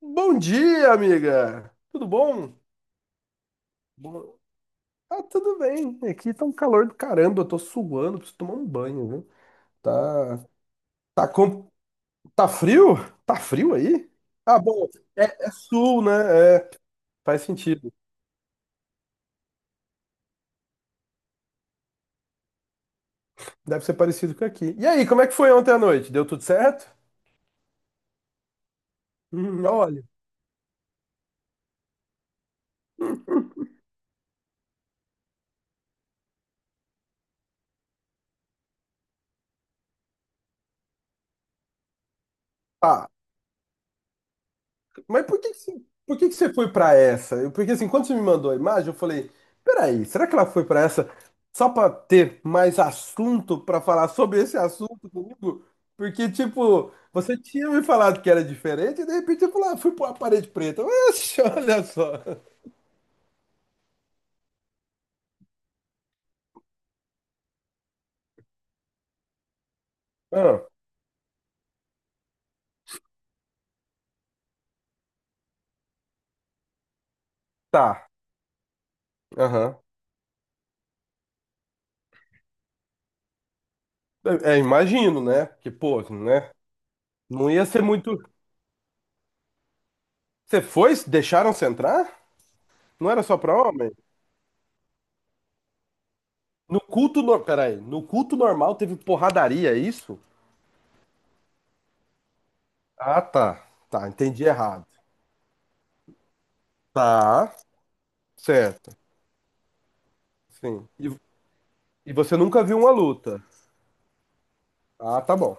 Bom dia, amiga! Tudo bom? Bom- Tá tudo bem. Aqui tá um calor do caramba, eu tô suando, preciso tomar um banho, viu? Tá, tá, com... tá frio? Tá frio aí? Ah, bom, É sul, né? É, faz sentido. Deve ser parecido com aqui. E aí, como é que foi ontem à noite? Deu tudo certo? Olha. Tá. Mas por que que, você- por que que você foi pra essa? Porque assim, quando você me mandou a imagem, eu falei: peraí, será que ela foi pra essa só pra ter mais assunto pra falar sobre esse assunto comigo? Porque, tipo, você tinha me falado que era diferente e de repente eu falei: ah, fui pra uma parede preta. Oxe, olha só. Ah, tá. Aham. Imagino, né? Que, pô, né? Não ia ser muito. Você foi? Deixaram você entrar? Não era só pra homem? No culto, no... peraí, no culto normal teve porradaria, é isso? Ah, tá. Tá, entendi errado. Tá, certo. Sim. E você nunca viu uma luta? Ah, tá bom.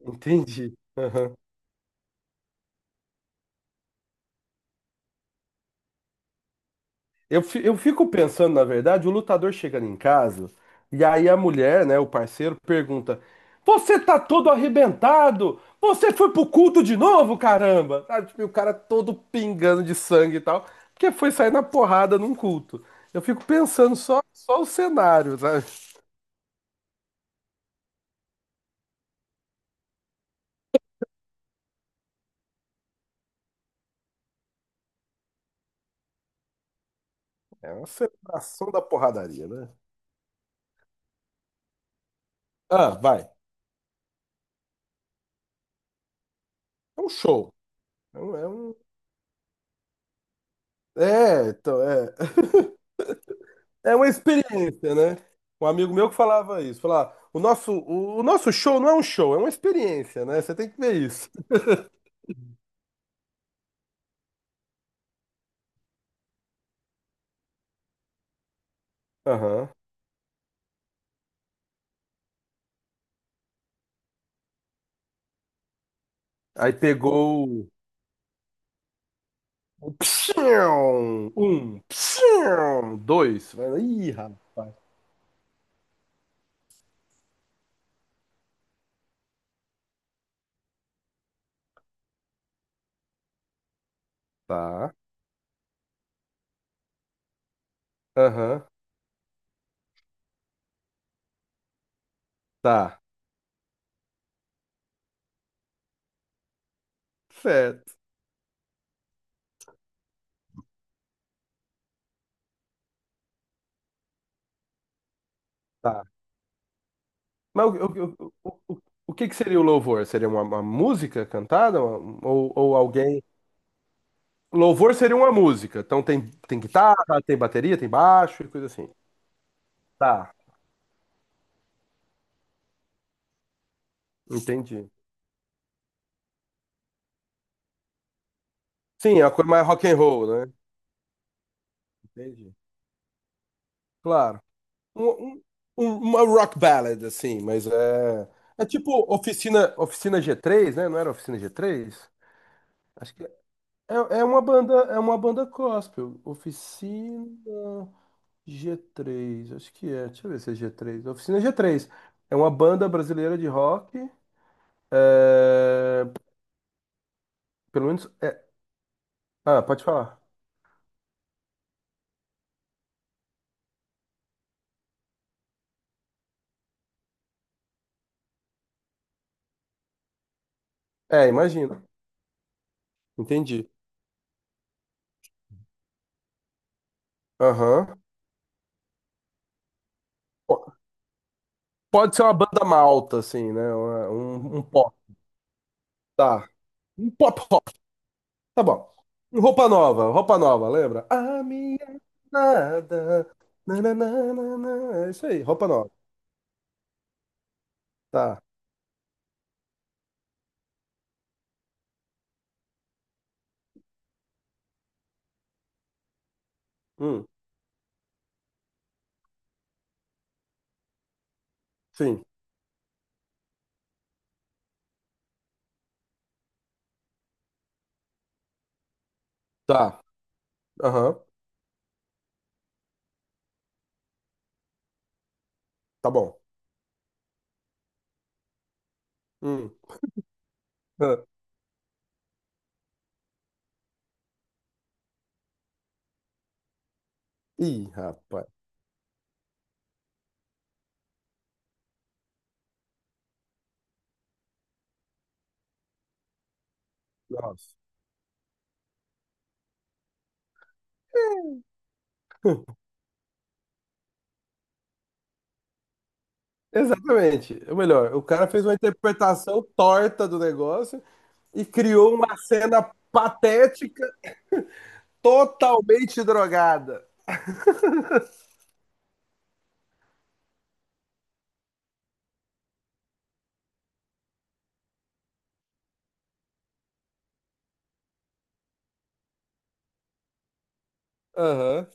Entendi. Aham. Eu fico pensando, na verdade, o lutador chegando em casa e aí a mulher, né, o parceiro, pergunta: você tá todo arrebentado? Você foi pro culto de novo, caramba? Sabe, tipo, e o cara todo pingando de sangue e tal, porque foi sair na porrada num culto. Eu fico pensando só, só o cenário, sabe? É uma celebração da porradaria, né? Ah, vai. É um show. É, um, é, um- é, então, é, é uma experiência, né? Um amigo meu que falava isso, falava, o nosso show não é um show, é uma experiência, né? Você tem que ver isso. Aham. Aí pegou o psiu, um, psiu, dois. Ih, rapaz. Tá. Aham. Tá. Certo. Tá. Mas o que que seria o louvor? Seria uma música cantada? Ou alguém. Louvor seria uma música. Então tem, tem guitarra, tem bateria, tem baixo e coisa assim. Tá, entendi. Sim, é uma coisa mais rock and roll, né? Entendi. Claro. Um- um- uma rock ballad, assim, mas é. É tipo Oficina, Oficina g três, né? Não era Oficina g três? Acho que é, é uma banda gospel. Oficina g três, acho que é. Deixa eu ver se é g três, Oficina g três. É uma banda brasileira de rock. É, pelo menos. Ah, pode falar. É, imagino. Entendi. Aham. Po- Pode ser uma banda malta, assim, né? Um pop. Tá. Um pop rock. Tá bom. Um roupa nova, lembra? A minha nada. Nananana. É isso aí, roupa nova. Tá. Hum, sim. Tá. Aham. Tá bom. Hum. Ah. Ih, rapaz. Nossa. É, exatamente. Ou melhor, o cara fez uma interpretação torta do negócio e criou uma cena patética totalmente drogada. Aham,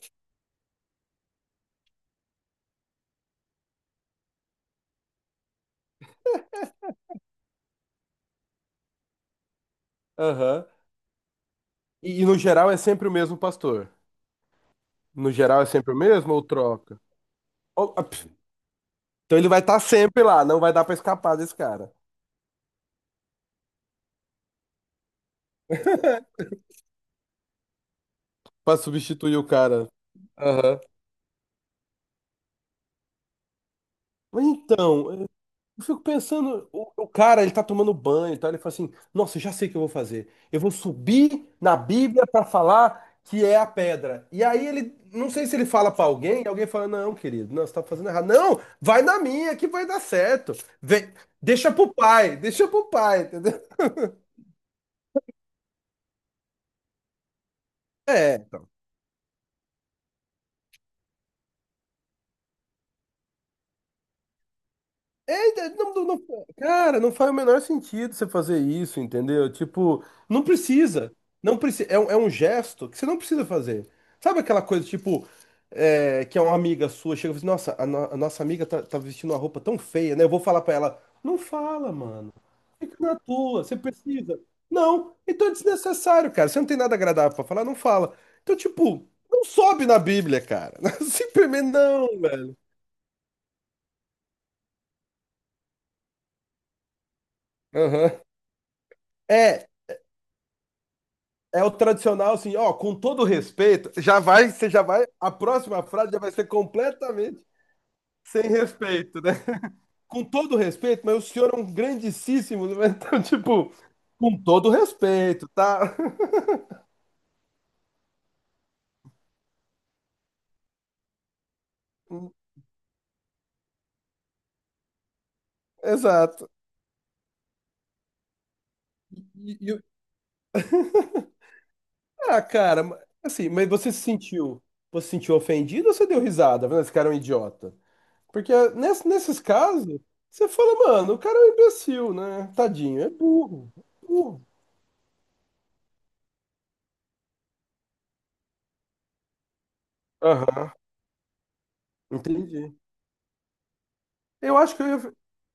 aham. E no geral é sempre o mesmo pastor? No geral é sempre o mesmo ou troca? Ou- ah, pf, Então ele vai estar sempre lá, não vai dar pra escapar desse cara. Pra substituir o cara. Aham. Mas então, eu fico pensando, o cara, ele tá tomando banho e tal, ele fala assim, nossa, eu já sei o que eu vou fazer. Eu vou subir na Bíblia para falar que é a pedra. E aí ele, não sei se ele fala para alguém, e alguém fala, não, querido, não, você tá fazendo errado. Não, vai na minha que vai dar certo. Vem, deixa pro pai, entendeu? É. Cara, não faz o menor sentido você fazer isso, entendeu? Tipo, não precisa. Não precisa. É um gesto que você não precisa fazer. Sabe aquela coisa, tipo, é, que é uma amiga sua, chega e fala assim, nossa, a, no- a nossa amiga tá, tá vestindo uma roupa tão feia, né? Eu vou falar pra ela, não fala, mano. Fica na tua, você precisa. Não, então é desnecessário, cara. Você não tem nada agradável pra falar, não fala. Então, tipo, não sobe na Bíblia, cara. Simplesmente não, velho. Aham. É, é o tradicional assim, ó, com todo respeito, já vai, você já vai, a próxima frase já vai ser completamente sem respeito, né? Com todo respeito, mas o senhor é um grandíssimo, né? então, tipo, com todo respeito, tá? Exato. E- e- e- cara, assim, mas você se sentiu ofendido ou você deu risada? Vendo, esse cara é um idiota. Porque nesses casos, você fala, mano, o cara é um imbecil, né? Tadinho, é burro, é burro. Aham, entendi. Eu acho que eu ia,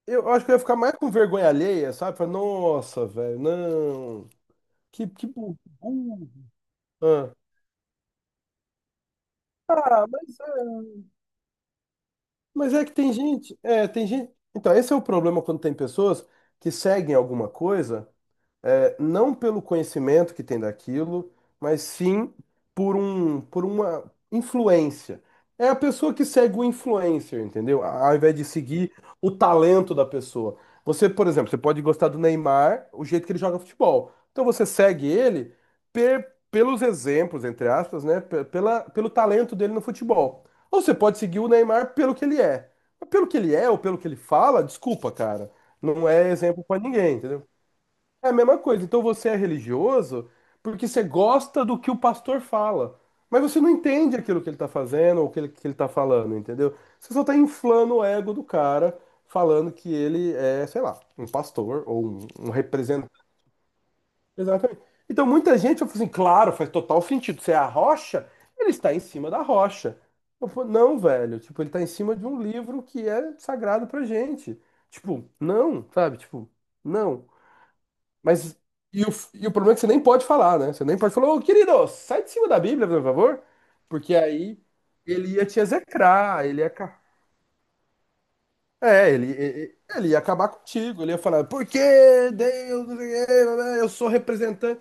eu acho que eu ia ficar mais com vergonha alheia, sabe? Falar, nossa, velho, não. Que burro. Burro." Ah, ah, mas é que tem gente. É, tem gente. Então, esse é o problema quando tem pessoas que seguem alguma coisa. É, não pelo conhecimento que tem daquilo, mas sim por uma influência. É a pessoa que segue o influencer, entendeu? Ao invés de seguir o talento da pessoa. Você, por exemplo, você pode gostar do Neymar, o jeito que ele joga futebol. Então você segue ele pelos exemplos, entre aspas, né? Pelo talento dele no futebol. Ou você pode seguir o Neymar pelo que ele é. Mas pelo que ele é ou pelo que ele fala, desculpa, cara. Não é exemplo pra ninguém, entendeu? É a mesma coisa. Então você é religioso porque você gosta do que o pastor fala. Mas você não entende aquilo que ele está fazendo ou o que ele está falando, entendeu? Você só está inflando o ego do cara, falando que ele é, sei lá, um pastor ou um representante. Exatamente. Então muita gente fala assim, claro, faz total sentido. Você é a rocha, ele está em cima da rocha. Eu falo, não, velho. Tipo, ele está em cima de um livro que é sagrado pra gente. Tipo, não, sabe? Tipo, não. Mas e o, e o problema é que você nem pode falar, né? Você nem pode falar, ô querido, sai de cima da Bíblia, por favor. Porque aí ele ia te execrar, É, ele ia acabar contigo, ele ia falar, por que Deus, não sei o quê, eu sou representante,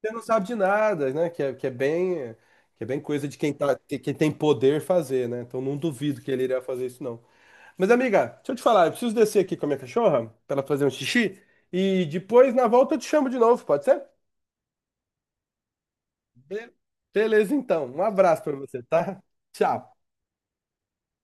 você não sabe de nada, né? Que é bem coisa de quem tá, quem tem poder fazer, né? Então não duvido que ele iria fazer isso, não. Mas, amiga, deixa eu te falar, eu preciso descer aqui com a minha cachorra pra ela fazer um xixi e depois na volta eu te chamo de novo, pode ser? Be- beleza, então. Um abraço para você, tá? Tchau.